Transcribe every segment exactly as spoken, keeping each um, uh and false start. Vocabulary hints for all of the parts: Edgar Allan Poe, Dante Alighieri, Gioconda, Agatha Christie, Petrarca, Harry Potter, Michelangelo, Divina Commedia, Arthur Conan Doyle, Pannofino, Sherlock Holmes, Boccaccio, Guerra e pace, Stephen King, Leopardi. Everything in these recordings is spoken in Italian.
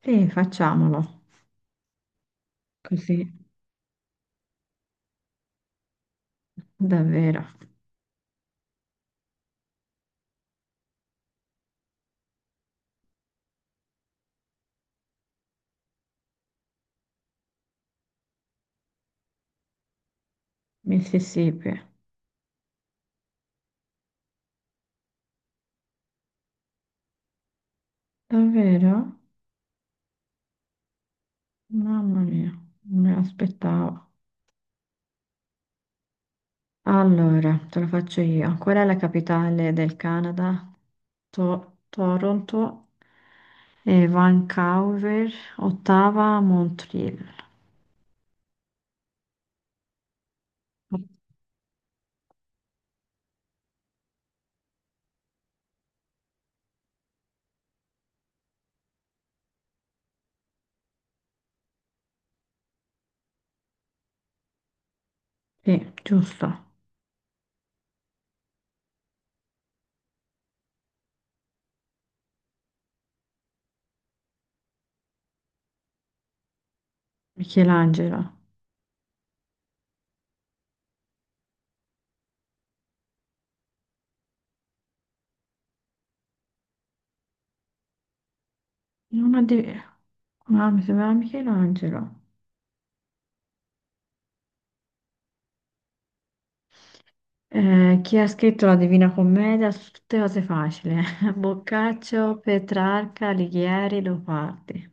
Sì, facciamolo. Così, davvero. Mississippi. Davvero? Mamma mia, non me l'aspettavo. Allora, te lo faccio io. Qual è la capitale del Canada? To- Toronto, eh, Vancouver, Ottawa, Montreal. Sì, giusto. Michelangelo. Non ho di. Ah, mi sembrava Michelangelo. Eh, chi ha scritto la Divina Commedia su tutte cose facili? Eh? Boccaccio, Petrarca, Alighieri, Leopardi.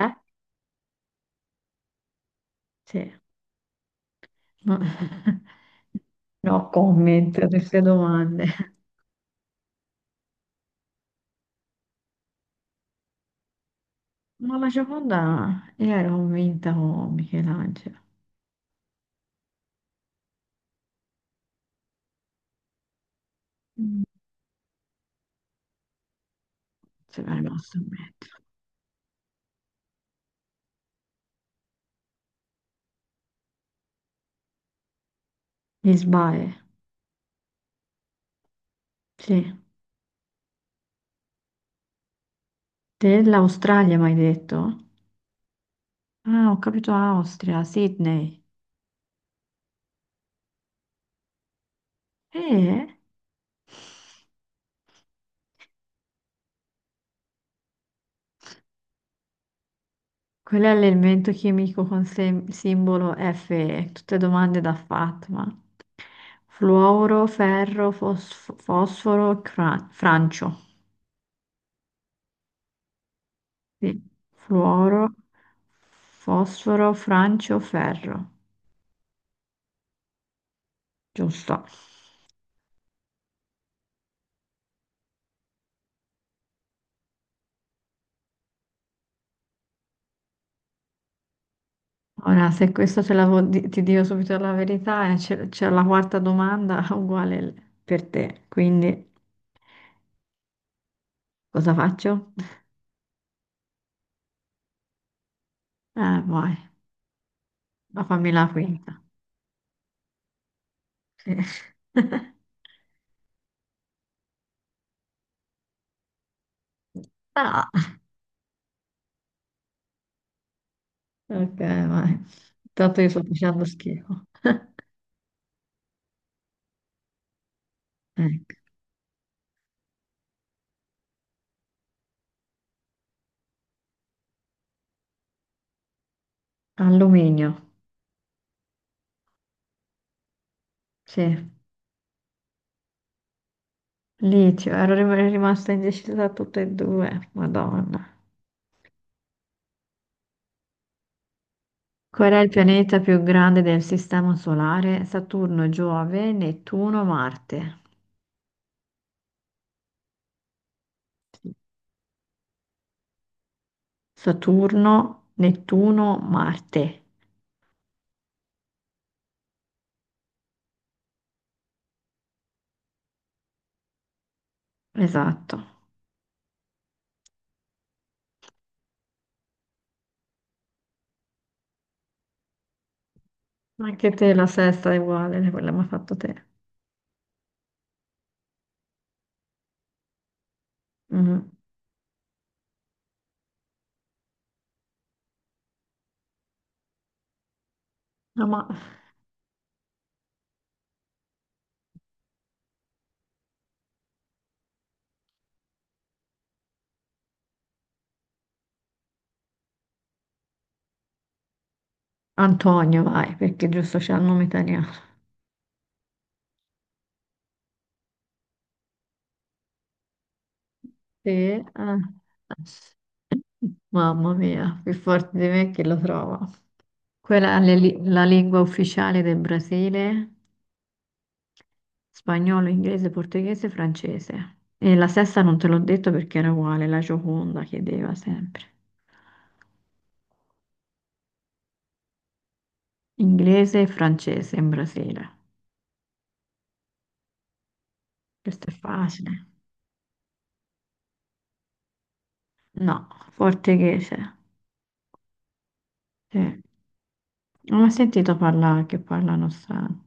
Eh? Sì, no, no comment a queste domande. Ma la Gioconda, io ero convinta con Michelangelo. Mm. Se mi è rimasto in mente. Lisbae, sì. Dell'Australia mi hai detto? Ah, ho capito Austria, Sydney. Eh? Quello è l'elemento chimico con sem- simbolo Fe, tutte domande da Fatma. Fluoro, ferro, fosf- fosforo, cra- francio. Sì. Fluoro, fosforo, francio, ferro. Giusto. Ora, se questo ce l'avevo di- ti dico subito la verità, eh, c'è c'è la quarta domanda uguale l- per te. Quindi, cosa faccio? Eh, vai, ma fammi la quinta. Sì. No. Ok, vai. Tanto io sto facendo schifo. Ecco. Alluminio. Sì. Licio. Ero rim- rimasta indecisa da tutte e due. Madonna. Qual è il pianeta più grande del sistema solare? Saturno, Giove, Nettuno, Marte. Sì. Saturno, Nettuno, Marte. Esatto. Anche te la sesta è uguale, quella mi ha fatto te. Mhm. Ah, ma- Antonio, vai, perché giusto c'è il nome italiano. Sì, eh. Mamma mia, più forte di me chi lo trova. Quella è la li- la lingua ufficiale del Brasile, spagnolo, inglese, portoghese, francese. E la sesta non te l'ho detto perché era uguale, la Gioconda chiedeva sempre. Inglese e francese in Brasile. Questo è facile. No, portoghese. Sì. Non ho sentito parlare che parlano strano.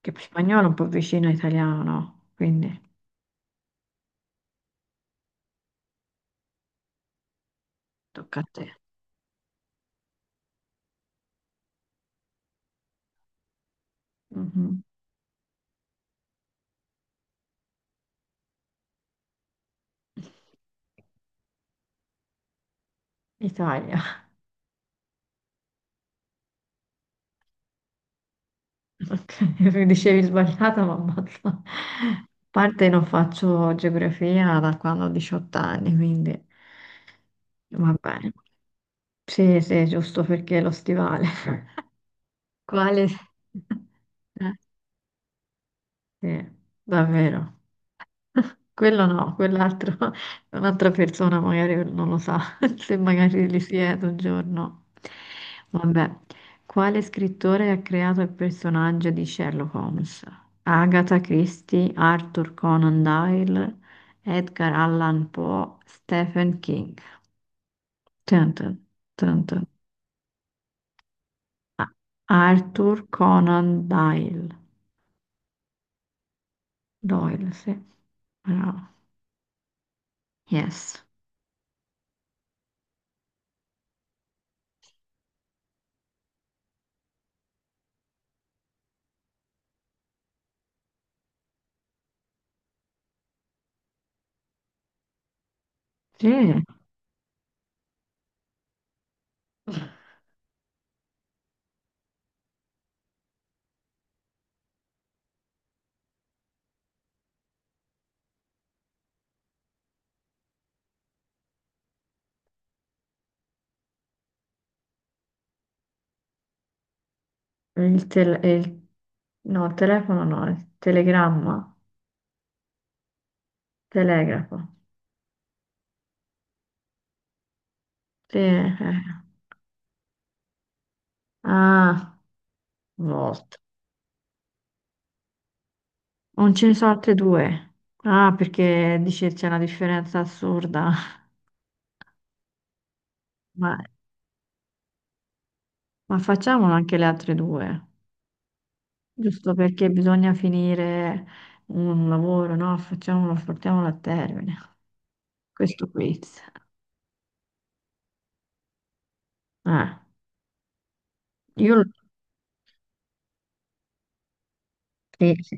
Che spagnolo è un po' vicino all'italiano, no? Quindi tocca a te. Mhm. Italia, ok, dicevi sbagliata, ma ammazza. A parte non faccio geografia da quando ho diciotto anni, quindi va bene. Sì, sì, giusto perché lo stivale. Quale? Eh, sì, davvero. Quello no, quell'altro, un'altra persona magari non lo sa, se magari li siede un giorno. Vabbè, quale scrittore ha creato il personaggio di Sherlock Holmes? Agatha Christie, Arthur Conan Doyle, Edgar Allan Poe, Stephen King. Tun, tun, tun, tun. Arthur Conan Doyle. Doyle, sì. Bravo. Yes. Sì. Il tel- il- no, telefono no, il telegramma, telegrafo. Sì, eh. Eh. Ah, volta. Non ce ne sono altre due. Ah, perché dice c'è una differenza assurda. Ma, ma facciamolo anche le altre due, giusto perché bisogna finire un lavoro, no? Facciamolo, portiamolo a termine. Questo quiz. Ah, io lo- sì, sì.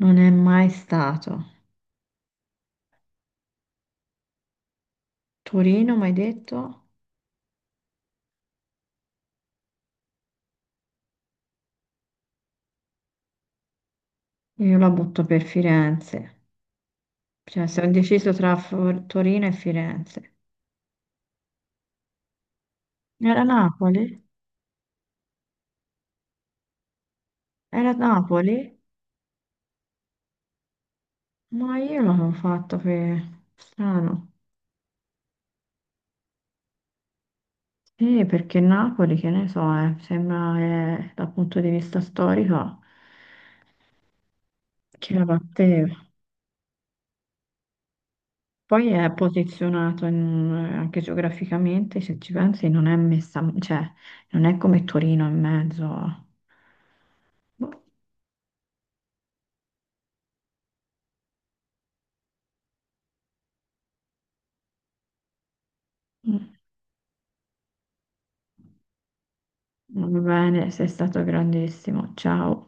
Non è mai stato. Torino, mi hai detto? Io la butto per Firenze, cioè sono indeciso tra Fo- Torino e Firenze. Era Napoli? Era Napoli? Ma io l'avevo fatto per strano. Sì, perché Napoli, che ne so, eh, sembra che dal punto di vista storico che la batteva. Poi è posizionato in- eh, anche geograficamente, se ci pensi, non è messa, cioè non è come Torino in mezzo. Boh. Mm, Va bene, sei stato grandissimo. Ciao.